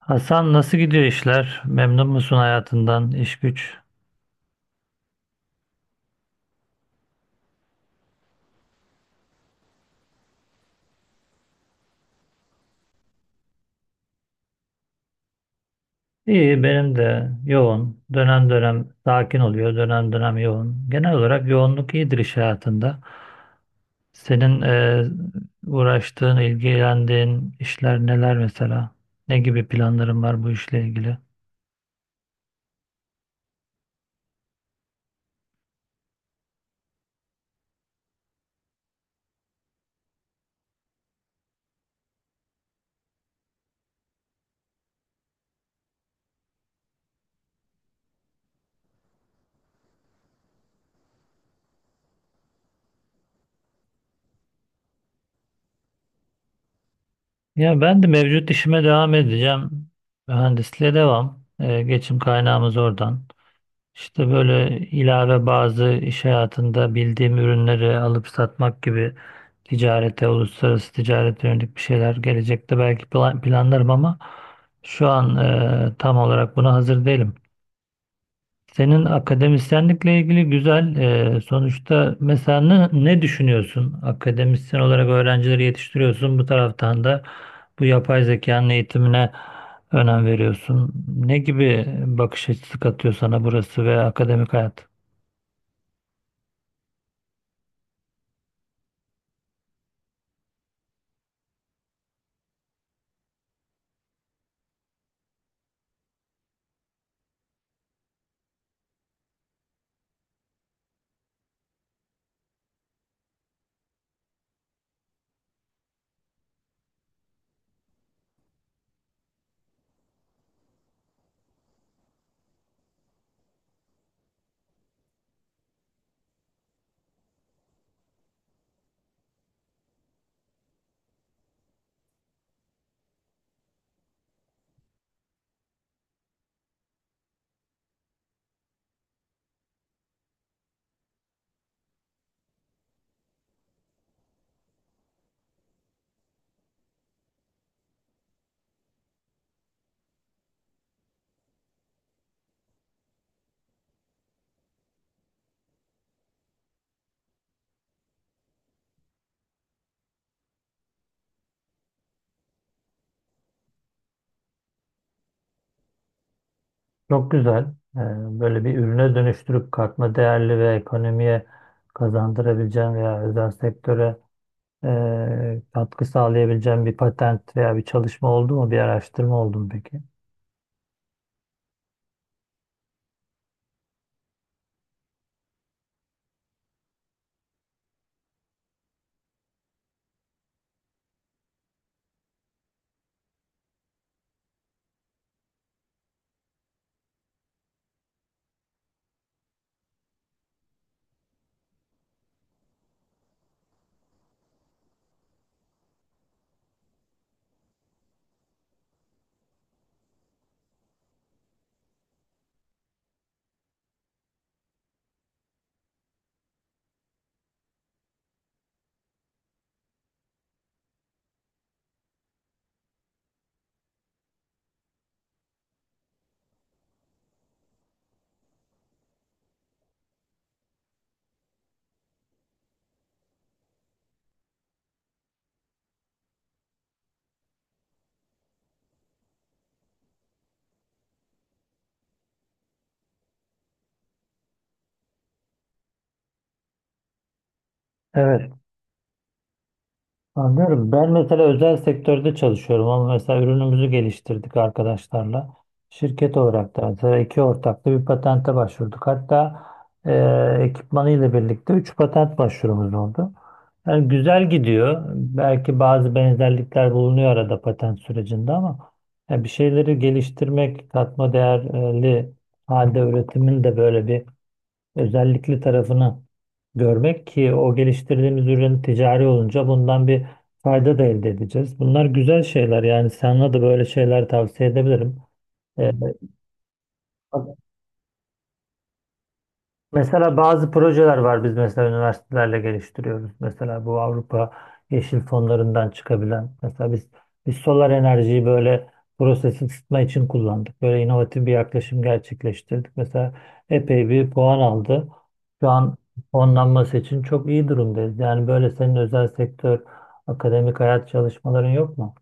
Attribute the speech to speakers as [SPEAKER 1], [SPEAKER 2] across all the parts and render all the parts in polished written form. [SPEAKER 1] Hasan, nasıl gidiyor işler? Memnun musun hayatından, iş güç? İyi, benim de yoğun. Dönem dönem sakin oluyor, dönem dönem yoğun. Genel olarak yoğunluk iyidir iş hayatında. Senin uğraştığın, ilgilendiğin işler neler mesela? Ne gibi planların var bu işle ilgili? Ya ben de mevcut işime devam edeceğim. Mühendisliğe devam. Geçim kaynağımız oradan. İşte böyle ilave bazı iş hayatında bildiğim ürünleri alıp satmak gibi ticarete, uluslararası ticarete yönelik bir şeyler gelecekte belki planlarım ama şu an tam olarak buna hazır değilim. Senin akademisyenlikle ilgili güzel, sonuçta mesela ne düşünüyorsun? Akademisyen olarak öğrencileri yetiştiriyorsun. Bu taraftan da bu yapay zekanın eğitimine önem veriyorsun. Ne gibi bakış açısı katıyor sana burası ve akademik hayat? Çok güzel. Ee, Böyle bir ürüne dönüştürüp katma değerli ve ekonomiye kazandırabileceğin veya özel sektöre katkı sağlayabileceğin bir patent veya bir çalışma oldu mu? Bir araştırma oldu mu peki? Evet. Anlıyorum. Ben mesela özel sektörde çalışıyorum ama mesela ürünümüzü geliştirdik arkadaşlarla. Şirket olarak da mesela iki ortaklı bir patente başvurduk. Hatta ekipmanıyla birlikte üç patent başvurumuz oldu. Yani güzel gidiyor. Belki bazı benzerlikler bulunuyor arada patent sürecinde ama yani bir şeyleri geliştirmek, katma değerli halde üretimin de böyle bir özellikli tarafını görmek ki o geliştirdiğimiz ürün ticari olunca bundan bir fayda da elde edeceğiz. Bunlar güzel şeyler yani sana da böyle şeyler tavsiye edebilirim. Ee, Mesela bazı projeler var biz mesela üniversitelerle geliştiriyoruz. Mesela bu Avrupa Yeşil Fonlarından çıkabilen. Mesela biz solar enerjiyi böyle proses ısıtma için kullandık. Böyle inovatif bir yaklaşım gerçekleştirdik. Mesela epey bir puan aldı. Şu an fonlanması için çok iyi durumdayız. Yani böyle senin özel sektör, akademik hayat çalışmaların yok mu?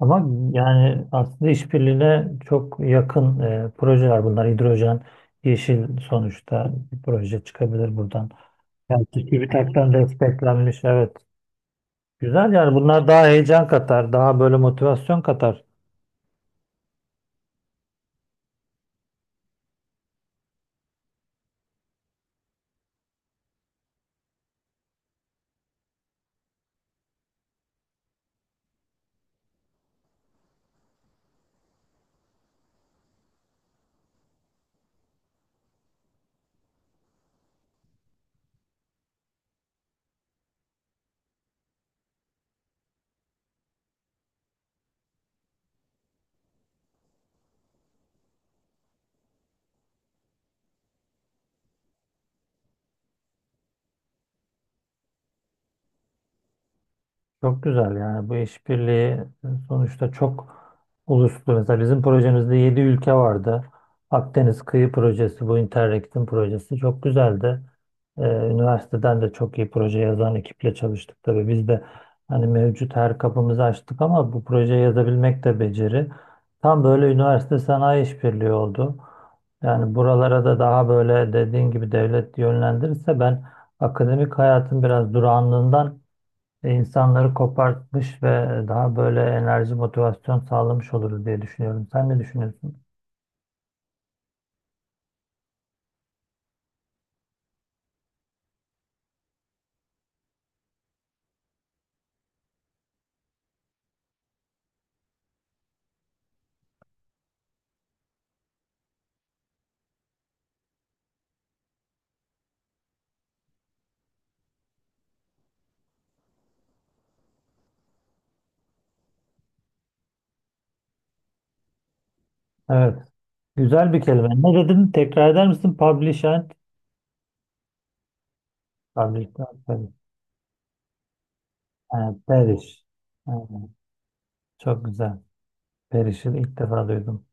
[SPEAKER 1] Ama yani aslında işbirliğine çok yakın projeler bunlar. Hidrojen yeşil sonuçta bir proje çıkabilir buradan. Yani TÜBİTAK'tan desteklenmiş, evet. Güzel yani bunlar daha heyecan katar, daha böyle motivasyon katar. Çok güzel yani bu işbirliği sonuçta çok uluslu. Mesela bizim projemizde 7 ülke vardı. Akdeniz Kıyı Projesi, bu Interreg'in projesi çok güzeldi. Üniversiteden de çok iyi proje yazan ekiple çalıştık tabii. Biz de hani mevcut her kapımızı açtık ama bu projeyi yazabilmek de beceri. Tam böyle üniversite sanayi işbirliği oldu. Yani buralara da daha böyle dediğin gibi devlet yönlendirirse ben akademik hayatın biraz durağanlığından insanları kopartmış ve daha böyle enerji, motivasyon sağlamış oluruz diye düşünüyorum. Sen ne düşünüyorsun? Evet. Güzel bir kelime. Ne dedin? Tekrar eder misin? Publish and... Publish and... Ha, Periş. Aynen. Çok güzel. Periş'i ilk defa duydum.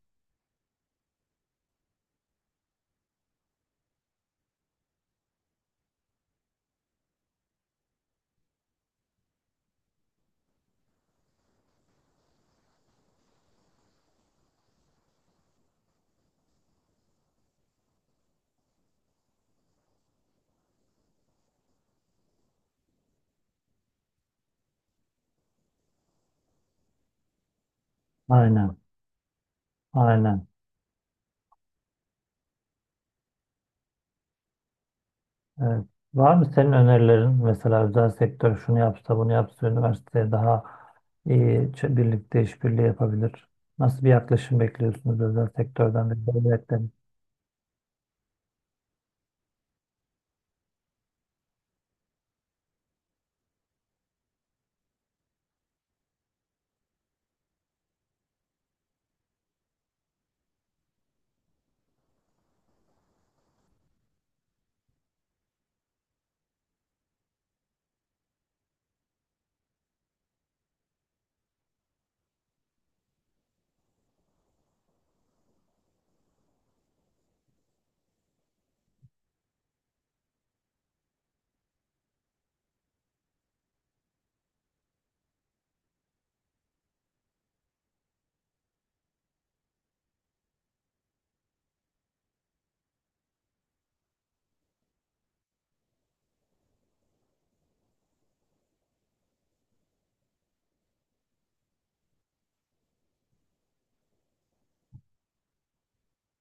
[SPEAKER 1] Aynen. Aynen. Evet. Var mı senin önerilerin? Mesela özel sektör şunu yapsa bunu yapsa üniversiteye daha iyi birlikte işbirliği yapabilir. Nasıl bir yaklaşım bekliyorsunuz özel sektörden ve devletten?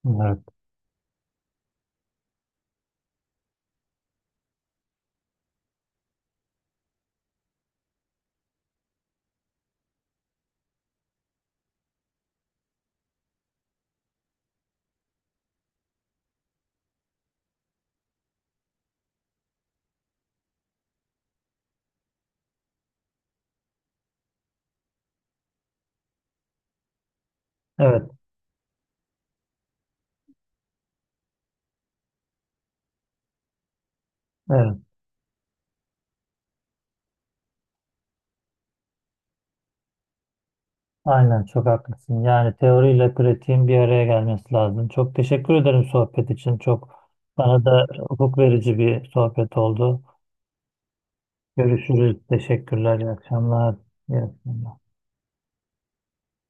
[SPEAKER 1] Evet. Evet. Evet. Aynen çok haklısın. Yani teoriyle pratiğin bir araya gelmesi lazım. Çok teşekkür ederim sohbet için. Çok bana da hukuk verici bir sohbet oldu. Görüşürüz. Teşekkürler. İyi akşamlar. İyi akşamlar.